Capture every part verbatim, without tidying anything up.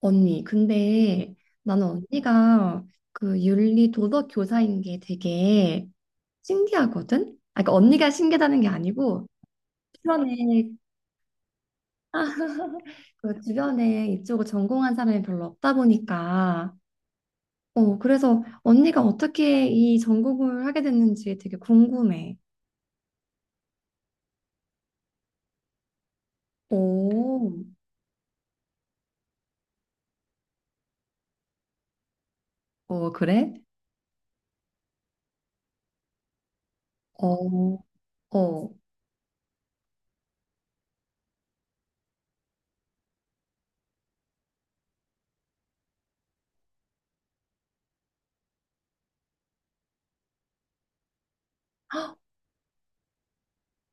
언니, 근데 나는 언니가 그 윤리 도덕 교사인 게 되게 신기하거든? 아, 그러니까 언니가 신기하다는 게 아니고 주변에 그 주변에 이쪽을 전공한 사람이 별로 없다 보니까 어 그래서 언니가 어떻게 이 전공을 하게 됐는지 되게 궁금해. 오, 어 그래? 어, 어, 헉,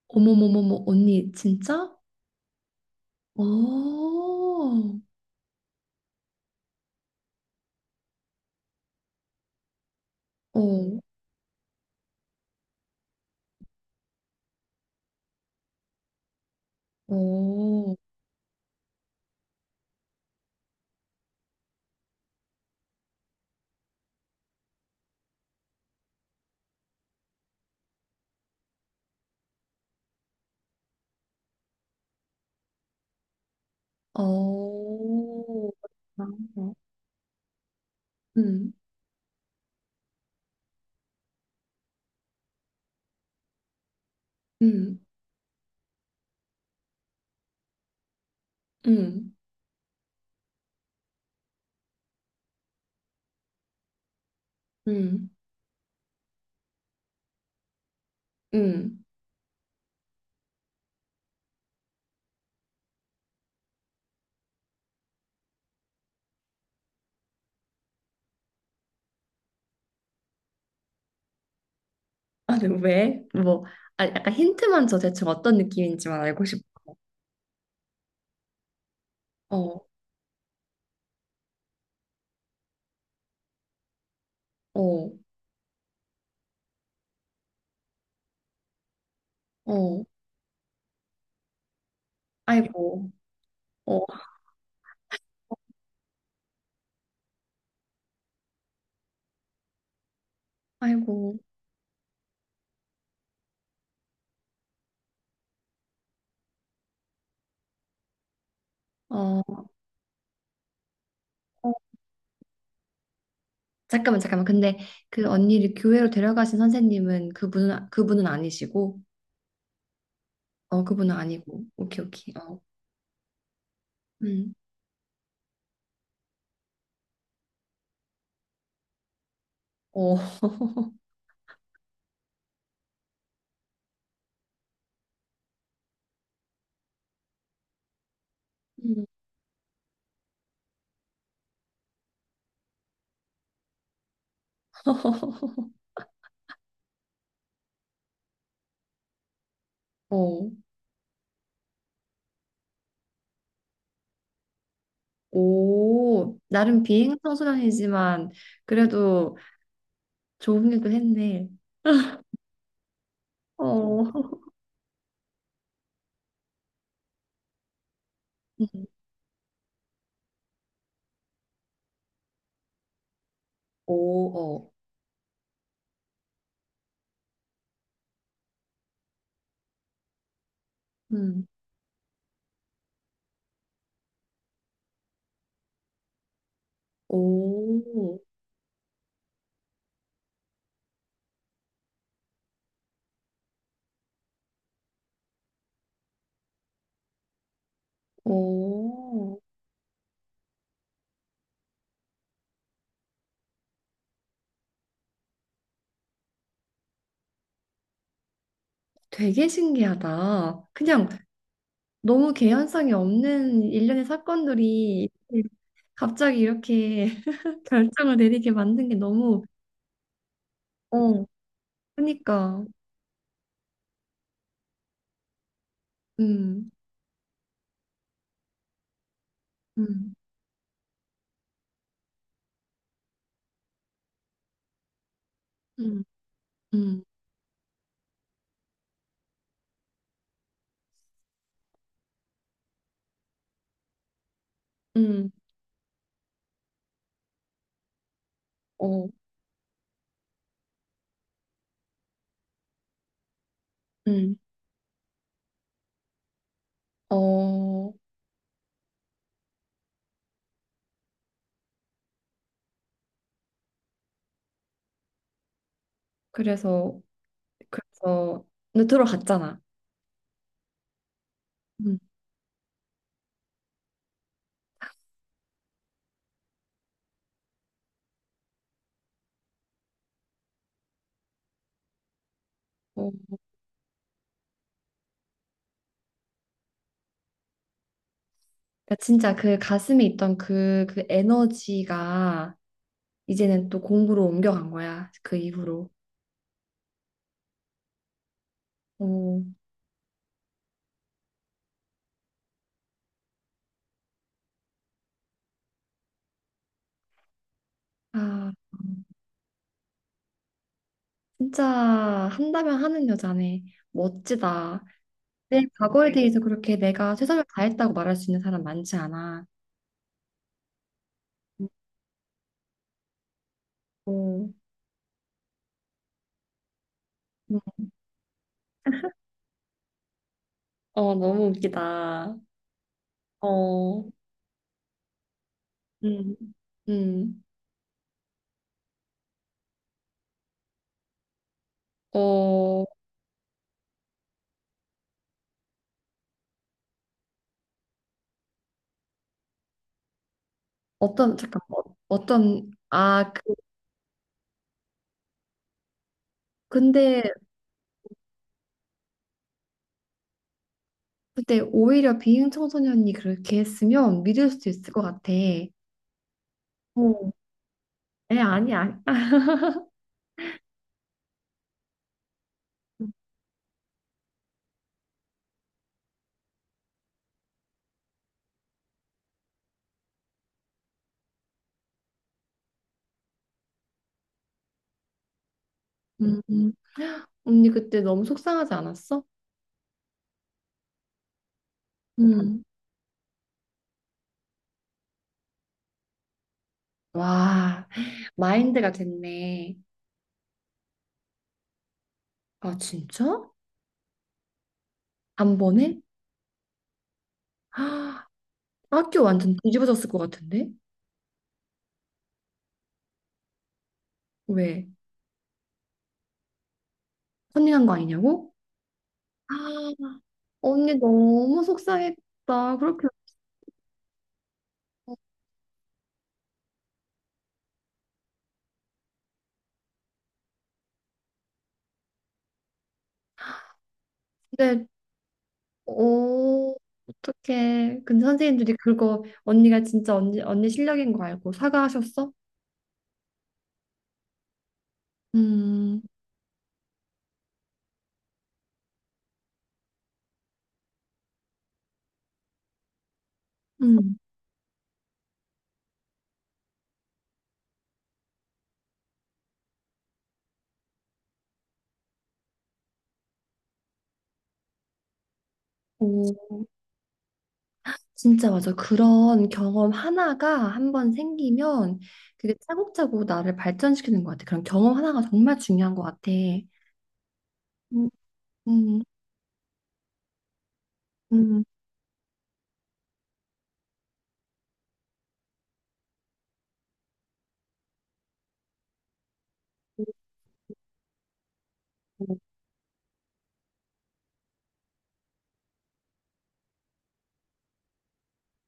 어머머머머 언니 진짜? 어, 어, 어. 어, 아, 네. 음, 음, 음, 음, 음. 아니, 왜? 뭐, 아, 약간 힌트만 줘 대충 어떤 느낌인지만 알고 싶어. 어, 어, 어, 아이고, 어, 아이고, 어, 어. 잠깐만, 잠깐만. 근데 그 언니를 교회로 데려가신 선생님은 그분은, 그분은 아니시고, 어, 그분은 아니고. 오케이, 오케이. 어, 음, 어, 음, 어. 오, 나름 비행선수단이지만 그래도 좋은 일도 했네. 어. 음. 오, 어. 음. 오, 오. 되게 신기하다. 그냥 너무 개연성이 없는 일련의 사건들이 갑자기 이렇게 결정을 내리게 만든 게 너무, 어, 그러니까, 음, 음, 음, 음, 음, 어, 음, 어, 그래서, 그래서 근데 들어갔잖아. 음. 어, 그러니까 진짜 그 가슴에 있던 그, 그 에너지가 이제는 또 공부로 옮겨간 거야. 그 이후로. 어, 아, 진짜 한다면 하는 여자네. 멋지다. 내 과거에 대해서 그렇게 내가 최선을 다했다고 말할 수 있는 사람 많지 않아. 어, 음. 어, 너무 웃기다. 어, 음. 음, 어, 어떤, 잠깐, 어, 어떤, 아, 그, 근데 근데 오히려 비행 청소년이 그렇게 했으면 믿을 수도 있을 것 같아. 어, 에, 아니야. 아, 음, 음. 언니 그때 너무 속상하지 않았어? 음. 와, 마인드가 됐네. 아, 진짜? 한 번에? 아, 학교 완전 뒤집어졌을 것 같은데? 왜? 컨닝한 거 아니냐고? 아, 언니 너무 속상했다. 그렇게. 근데 오, 어떡해. 근데 선생님들이 그거 언니가 진짜 언니, 언니 실력인 거 알고 사과하셨어? 음, 음, 오, 진짜 맞아. 그런 경험 하나가 한번 생기면 그게 차곡차곡 나를 발전시키는 것 같아. 그런 경험 하나가 정말 중요한 것 같아. 음, 음, 음.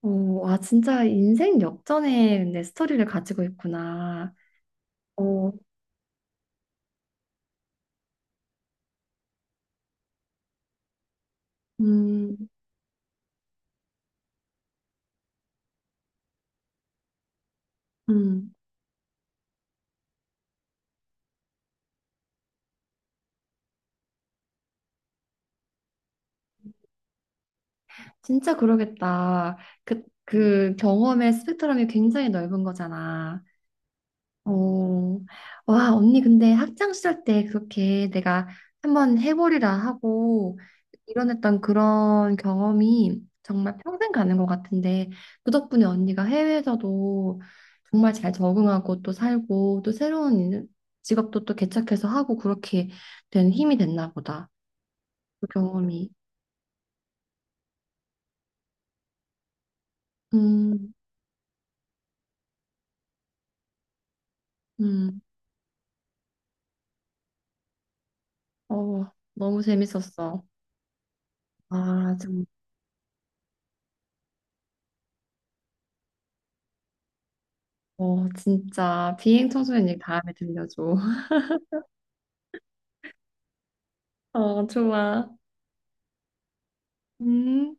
오, 와, 진짜 인생 역전의 내 스토리를 가지고 있구나. 어, 음, 음. 진짜 그러겠다. 그, 그 경험의 스펙트럼이 굉장히 넓은 거잖아. 어, 와, 언니 근데 학창 시절 때 그렇게 내가 한번 해보리라 하고 일어났던 그런 경험이 정말 평생 가는 것 같은데 그 덕분에 언니가 해외에서도 정말 잘 적응하고 또 살고 또 새로운 일- 직업도 또 개척해서 하고 그렇게 된 힘이 됐나 보다. 그 경험이. 음, 음, 어, 너무 재밌었어. 아, 좀, 어, 진짜 비행 청소년 얘기 다음에 들려줘. 어, 좋아. 음.